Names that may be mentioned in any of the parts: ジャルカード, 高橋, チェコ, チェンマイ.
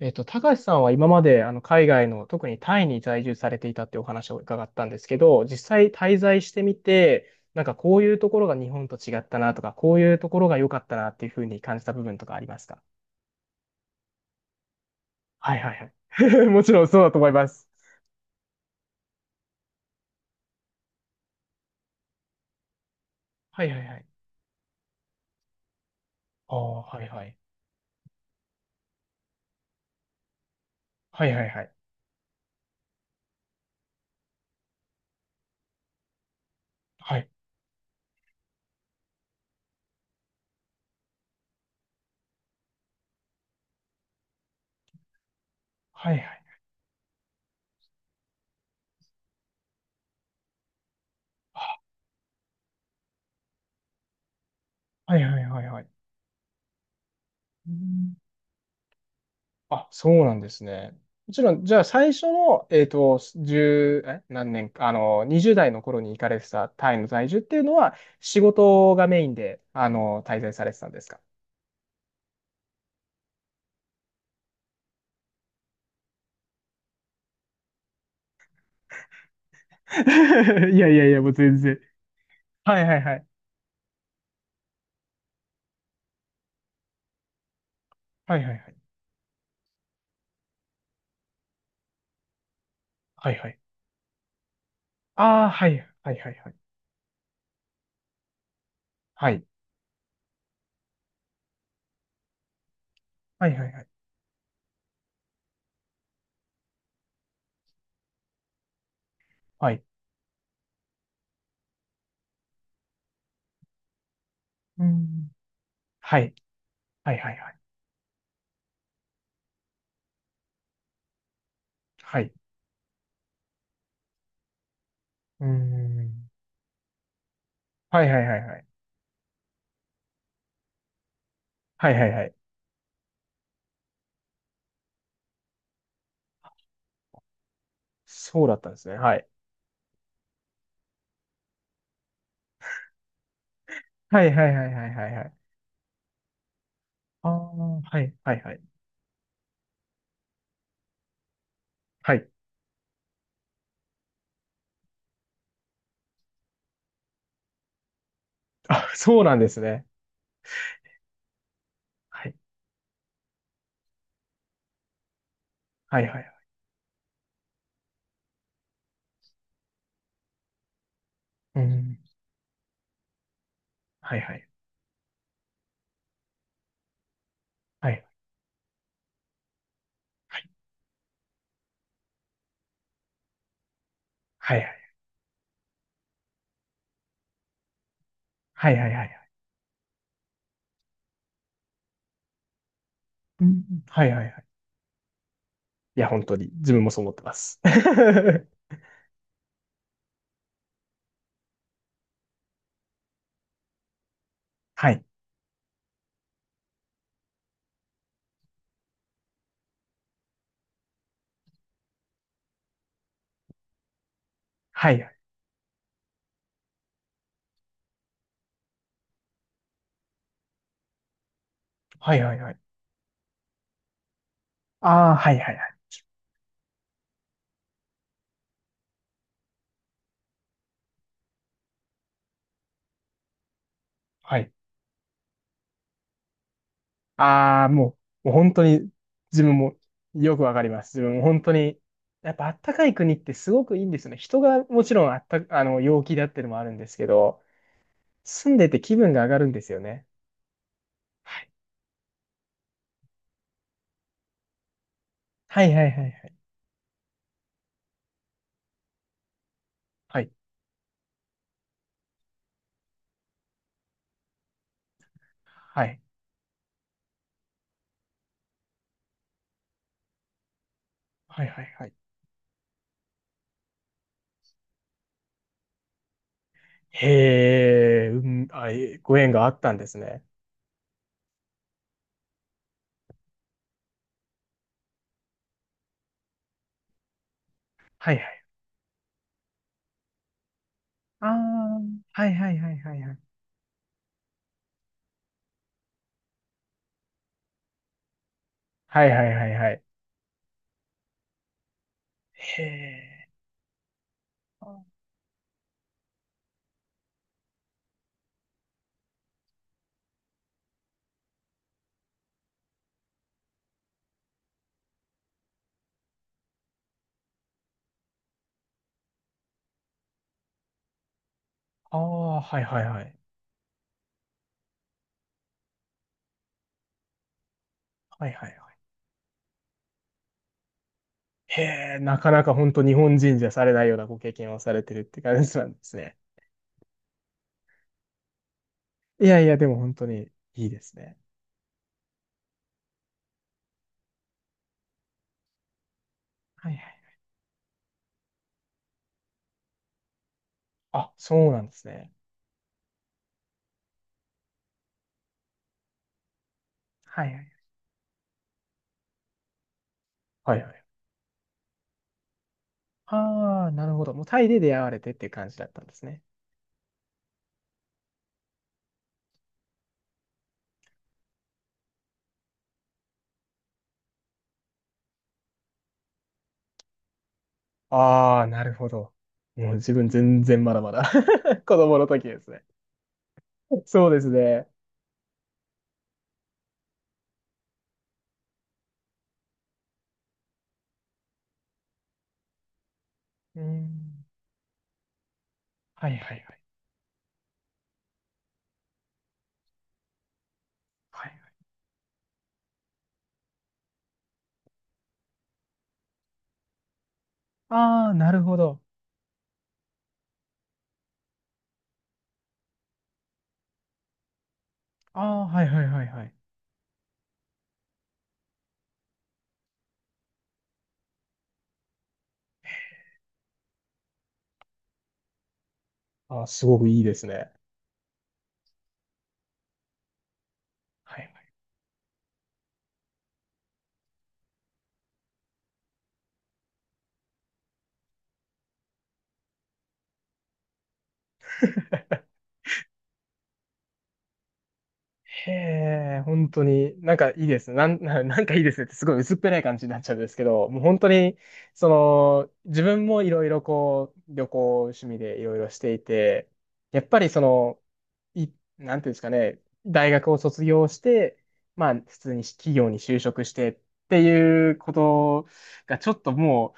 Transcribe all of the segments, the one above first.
高橋さんは今まで海外の、特にタイに在住されていたっていうお話を伺ったんですけど、実際滞在してみて、なんかこういうところが日本と違ったなとか、こういうところが良かったなっていうふうに感じた部分とかありますか？はいはいはい。もちろんそうだと思います。はいはいはい。ああ、はいはい。はいはいはい。はい。はいはい。はいはいはいはい。あ、そうなんですね。もちろん、じゃあ最初の、1何年か、20代の頃に行かれてたタイの在住っていうのは、仕事がメインで、滞在されてたんですか？ いやいやいや、もう全然。はいはいはい。はいはいはい。はいはい。ああ、はいはいはいはい。はい。はいはいはい。はい。うん。はい。はいはいはい。はい。うん。はいはいはいはい。はいはいはい。そうだったんですね。はい。はいはいはいはいはいはい。ああ、はいはいはい。はい。あ、そうなんですね。はい。はいはいはい。うん。はいはい。はい。はいはい。はいはいはいはい。うん。はいはいはい。いや、本当に、自分もそう思ってます。はい。はいはい。はいはいはい。ああ、はいはいはい。はい。ああ、もう、もう本当に、自分もよくわかります。自分も本当に、やっぱあったかい国ってすごくいいんですよね。人がもちろんあった、陽気だってのもあるんですけど、住んでて気分が上がるんですよね。はい。はいはいはいはい。はい。はいはいはいはい。へえ、うん、あ、えご縁があったんですね。はいはい。ああ、はいはいはいはいはい。はいはいはいはい。へえ。ああー、はいはいはい。はいはいはい。へえ、なかなか本当日本人じゃされないようなご経験をされてるって感じなんですね。いやいや、でも本当にいいですね。はいはい。あ、そうなんですね。はいはい。はいはい。ああ、なるほど。もうタイで出会われてっていう感じだったんですね。ああ、なるほど。もう自分全然まだまだ 子供の時ですね。そうですね。うん。はいはいはい。はいはい。ああ、なるほど。ああ、はいはいはいはい。ああ、すごくいいですね。はいはい、へえ、本当に、なんかいいです。なんかいいですねってすごい薄っぺらい感じになっちゃうんですけど、もう本当に、その、自分もいろいろこう、旅行趣味でいろいろしていて、やっぱりその、い、なんていうんですかね、大学を卒業して、まあ、普通に企業に就職してっていうことが、ちょっとも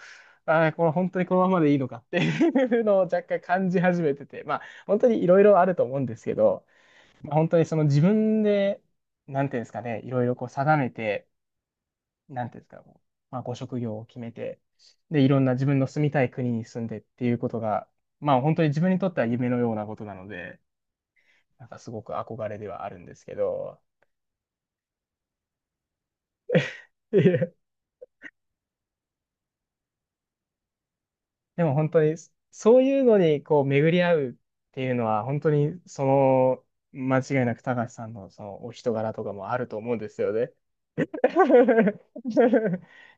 う、ああ、これ本当にこのままでいいのかっていうのを若干感じ始めてて、まあ、本当にいろいろあると思うんですけど、まあ、本当にその自分で、なんていうんですかね、いろいろこう定めて、なんていうんですか、まあ、ご職業を決めて、で、いろんな自分の住みたい国に住んでっていうことが、まあ、本当に自分にとっては夢のようなことなので、なんかすごく憧れではあるんですけど、でも本当にそういうのにこう巡り合うっていうのは本当にその間違いなく高橋さんのそのお人柄とかもあると思うんですよね。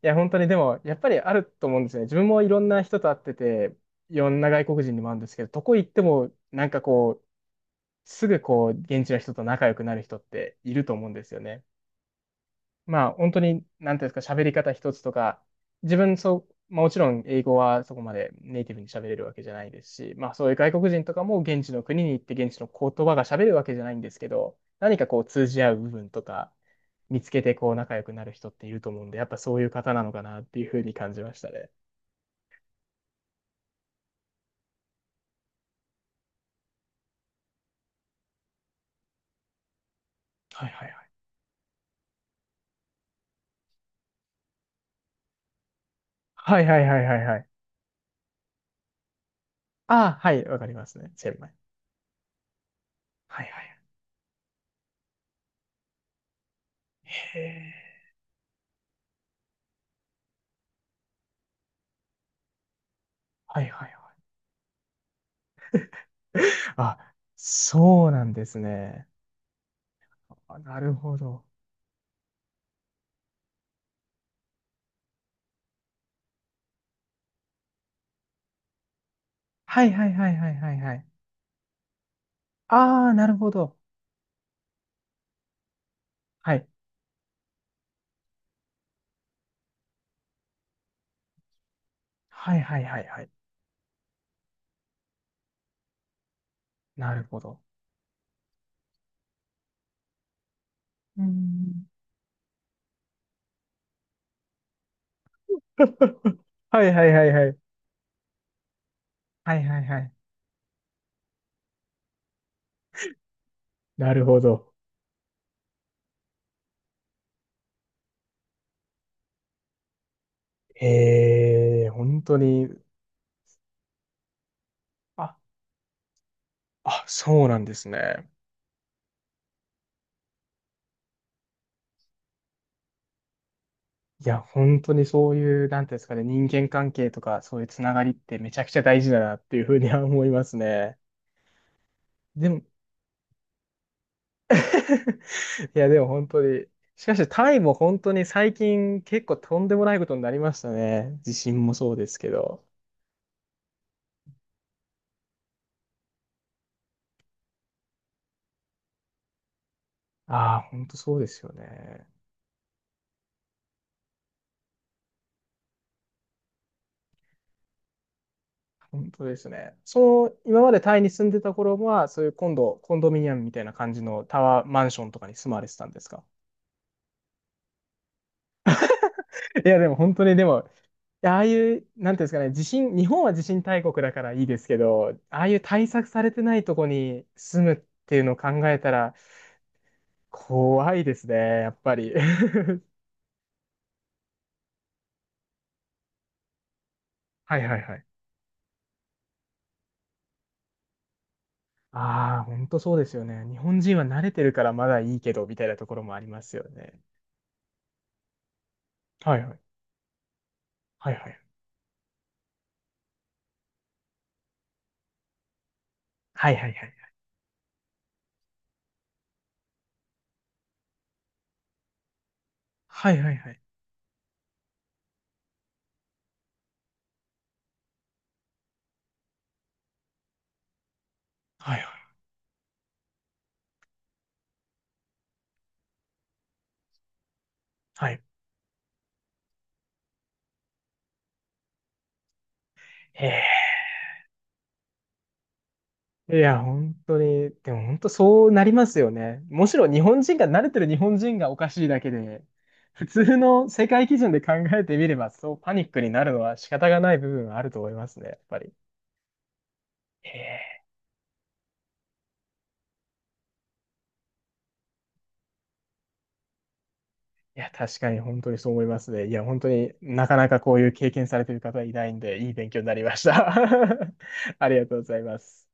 いや本当にでもやっぱりあると思うんですよね。自分もいろんな人と会ってていろんな外国人にも会うんですけどどこ行ってもなんかこうすぐこう現地の人と仲良くなる人っていると思うんですよね。まあ、本当に、なんていうんですか、喋り方一つとか、自分、そう、まあ、もちろん英語はそこまでネイティブに喋れるわけじゃないですし、まあ、そういう外国人とかも現地の国に行って現地の言葉が喋れるわけじゃないんですけど、何かこう通じ合う部分とか、見つけてこう仲良くなる人っていると思うんで、やっぱそういう方なのかなっていうふうに感じましたね。はいはいはい。はいはいはいはいはい。ああ、はい、わかりますね。チェンマイ。はいはい。へえ。はいはいはい。あ、そうなんですね。あ、なるほど。はいはいはいはいはいはい。ああ、なるほど。はい。はいはいはいはい。なるほど。うーん。はいはいはいはい。はいはいはい。なるほど。ええ、本当に、あ、あ、そうなんですね。いや、本当にそういう、なんていうんですかね、人間関係とか、そういうつながりってめちゃくちゃ大事だなっていうふうには思いますね。でも、いや、でも本当に。しかし、タイも本当に最近結構とんでもないことになりましたね。地震もそうですけど。ああ、本当そうですよね。本当ですね。その、今までタイに住んでた頃は、そういう今度、コンドミニアムみたいな感じのタワーマンションとかに住まわれてたんですか？ いや、でも本当に、でも、いや、ああいう、なんていうんですかね、地震、日本は地震大国だからいいですけど、ああいう対策されてないとこに住むっていうのを考えたら、怖いですね、やっぱり。はいはいはい。ああ、本当そうですよね。日本人は慣れてるからまだいいけど、みたいなところもありますよね。はいはい。はいはい。はいはいはい。はいはいはい。はいはい。ええー。いや、本当に、でも本当そうなりますよね。むしろ日本人が慣れてる日本人がおかしいだけで、普通の世界基準で考えてみれば、そうパニックになるのは仕方がない部分はあると思いますね、やっぱり。へえ、いや、確かに本当にそう思いますね。いや、本当になかなかこういう経験されてる方いないんで、いい勉強になりました。ありがとうございます。